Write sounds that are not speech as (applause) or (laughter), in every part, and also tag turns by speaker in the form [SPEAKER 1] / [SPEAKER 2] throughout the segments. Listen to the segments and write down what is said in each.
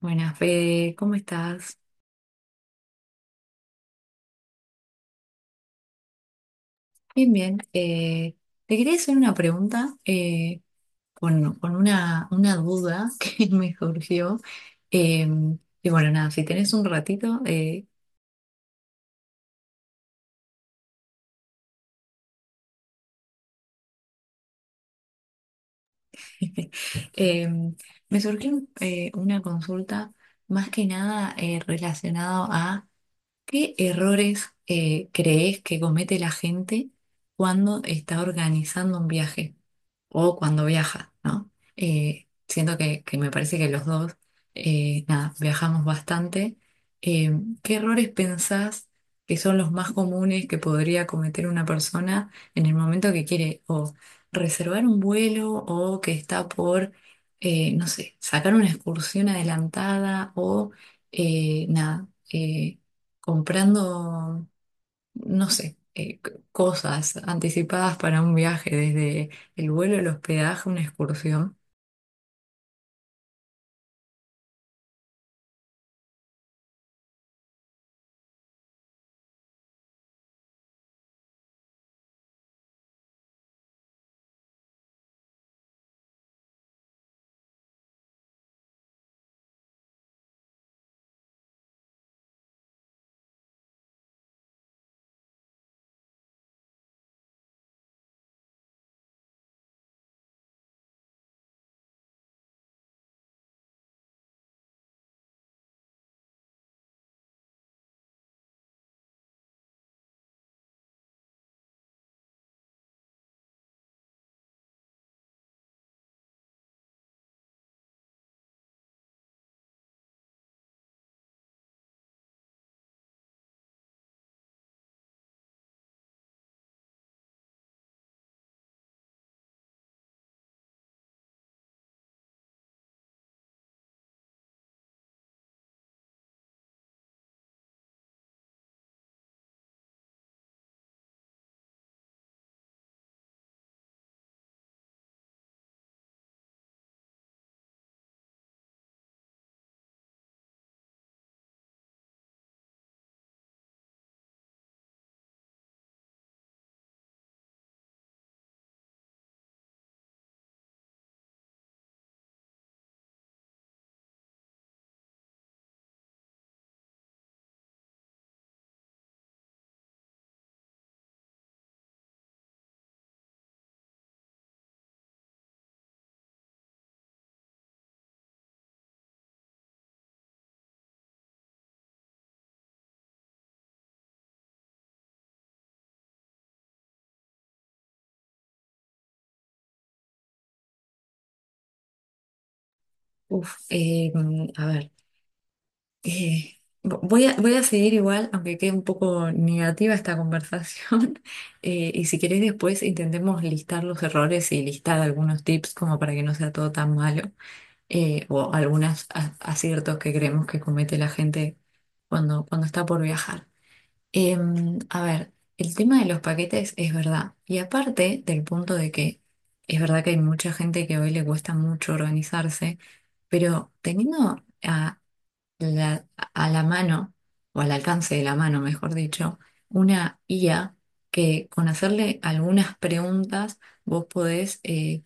[SPEAKER 1] Buenas, Fede, ¿cómo estás? Bien, bien. Te quería hacer una pregunta con una duda (laughs) que me surgió. Eh, y bueno, nada, si tenés un ratito, (laughs) eh, me surgió una consulta más que nada relacionado a qué errores crees que comete la gente cuando está organizando un viaje, o cuando viaja, ¿no? Siento que me parece que los dos, nada, viajamos bastante. Eh, ¿Qué errores pensás que son los más comunes que podría cometer una persona en el momento que quiere o reservar un vuelo o que está por, no sé, sacar una excursión adelantada o, nada, comprando no sé, cosas anticipadas para un viaje, desde el vuelo, el hospedaje, una excursión. Uf, a ver, voy a seguir igual, aunque quede un poco negativa esta conversación, (laughs) y si queréis después intentemos listar los errores y listar algunos tips como para que no sea todo tan malo, o algunos aciertos que creemos que comete la gente cuando, cuando está por viajar. A ver, el tema de los paquetes es verdad. Y aparte del punto de que es verdad que hay mucha gente que hoy le cuesta mucho organizarse, pero teniendo la, a la mano, o al alcance de la mano, mejor dicho, una IA que con hacerle algunas preguntas vos podés,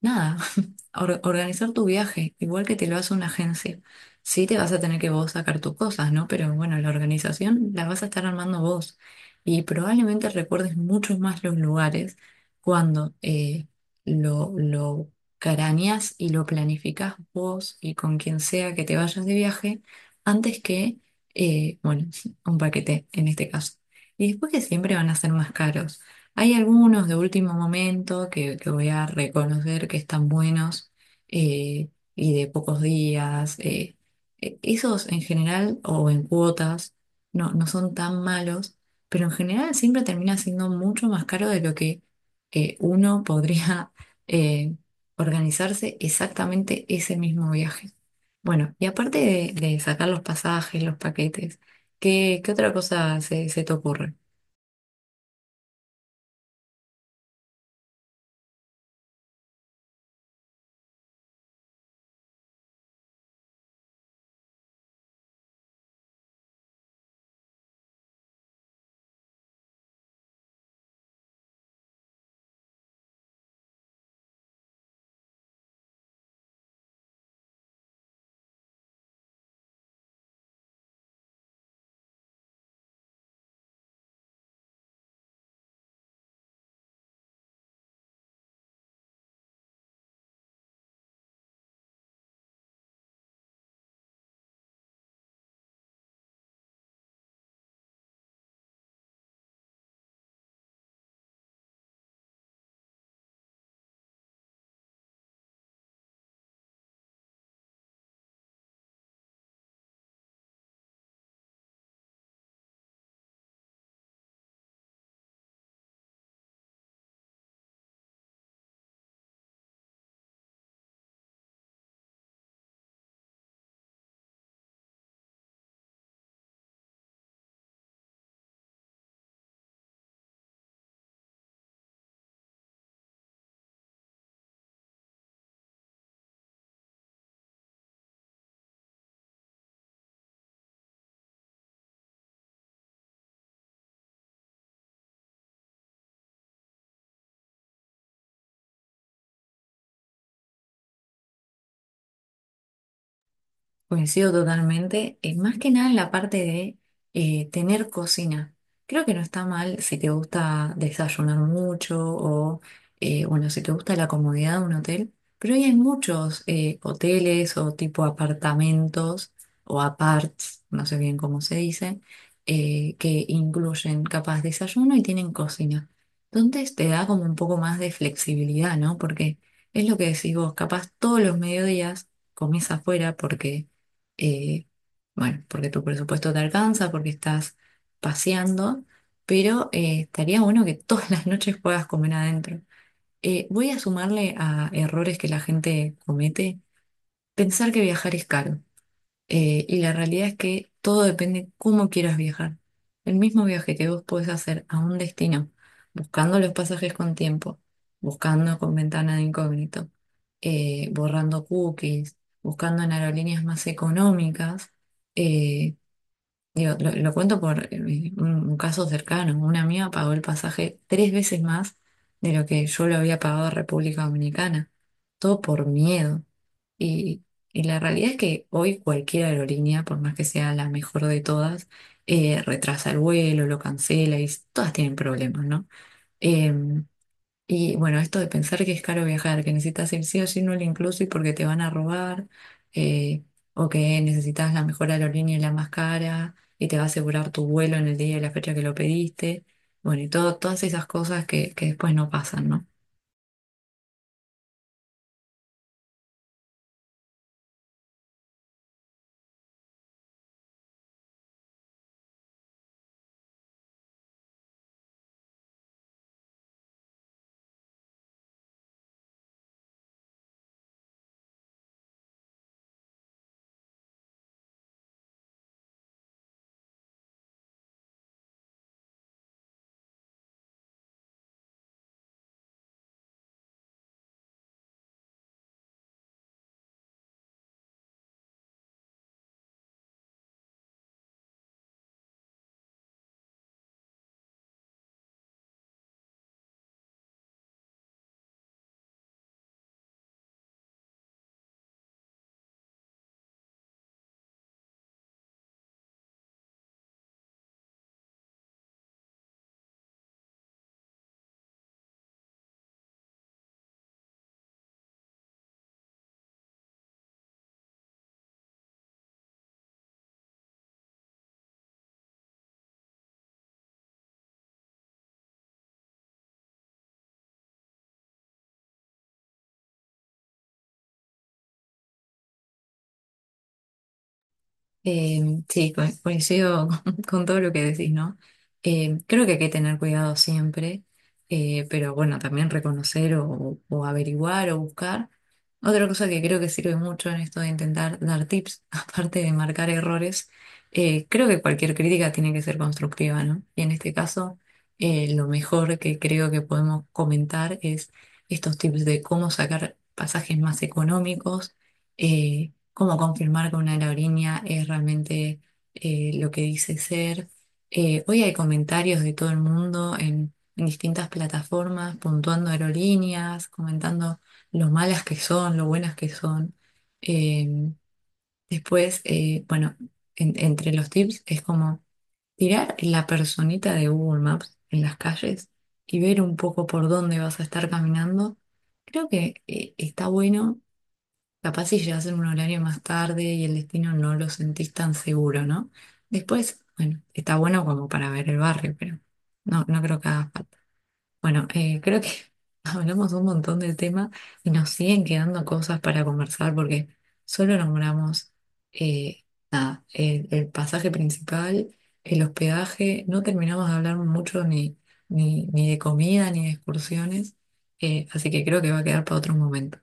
[SPEAKER 1] nada, (laughs) organizar tu viaje, igual que te lo hace una agencia. Sí te vas a tener que vos sacar tus cosas, ¿no? Pero bueno, la organización la vas a estar armando vos. Y probablemente recuerdes mucho más los lugares cuando lo craneás y lo planificás vos y con quien sea que te vayas de viaje, antes que, bueno, (laughs) un paquete en este caso. Y después que siempre van a ser más caros. Hay algunos de último momento que voy a reconocer que están buenos eh, y de pocos días. Esos en general o en cuotas no son tan malos, pero en general siempre termina siendo mucho más caro de lo que uno podría (laughs) eh, organizarse exactamente ese mismo viaje. Bueno, y aparte de sacar los pasajes, los paquetes, ¿qué, qué otra cosa se, se te ocurre? Coincido totalmente, más que nada en la parte de tener cocina. Creo que no está mal si te gusta desayunar mucho o, bueno, si te gusta la comodidad de un hotel, pero hoy hay muchos hoteles o tipo apartamentos o aparts, no sé bien cómo se dice, que incluyen capaz desayuno y tienen cocina. Entonces te da como un poco más de flexibilidad, ¿no? Porque es lo que decís vos, capaz todos los mediodías comés afuera porque eh, bueno, porque tu presupuesto te alcanza, porque estás paseando, pero estaría bueno que (laughs) todas las noches puedas comer adentro. Voy a sumarle a errores que la gente comete, pensar que viajar es caro. Y la realidad es que todo depende cómo quieras viajar. El mismo viaje que vos podés hacer a un destino, buscando los pasajes con tiempo, buscando con ventana de incógnito, borrando cookies, buscando en aerolíneas más económicas, eh, digo, lo cuento por un caso cercano. Una amiga pagó el pasaje tres veces más de lo que yo lo había pagado a República Dominicana. Todo por miedo. Y, y la realidad es que hoy cualquier aerolínea, por más que sea la mejor de todas, retrasa el vuelo, lo cancela y todas tienen problemas, ¿no? Em, y bueno, esto de pensar que es caro viajar, que necesitas ir sí o sí no lo inclusive porque te van a robar, eh, o que necesitas la mejor aerolínea y la más cara, y te va a asegurar tu vuelo en el día y la fecha que lo pediste. Bueno, y todo, todas esas cosas que después no pasan, ¿no? Eh, sí, coincido (laughs) con todo lo que decís, ¿no? Creo que hay que tener cuidado siempre, pero bueno, también reconocer o averiguar o buscar. Otra cosa que creo que sirve mucho en esto de intentar dar tips, (laughs) aparte de marcar errores, creo que cualquier crítica tiene que ser constructiva, ¿no? Y en este caso, lo mejor que creo que podemos comentar es estos tips de cómo sacar pasajes más económicos, eh, cómo confirmar que una aerolínea es realmente lo que dice ser. Hoy hay comentarios de todo el mundo en distintas plataformas, puntuando aerolíneas, comentando lo malas que son, lo buenas que son. Eh, después, bueno, entre los tips es como tirar la personita de Google Maps en las calles y ver un poco por dónde vas a estar caminando. Creo que está bueno. Capaz si llegas en un horario más tarde y el destino no lo sentís tan seguro, ¿no? Después, bueno, está bueno como para ver el barrio, pero no, no creo que haga falta. Bueno, creo que (laughs) hablamos un montón del tema y nos siguen quedando cosas para conversar porque solo nombramos eh, el pasaje principal, el hospedaje, no terminamos de hablar mucho ni, ni de comida ni de excursiones, así que creo que va a quedar para otro momento.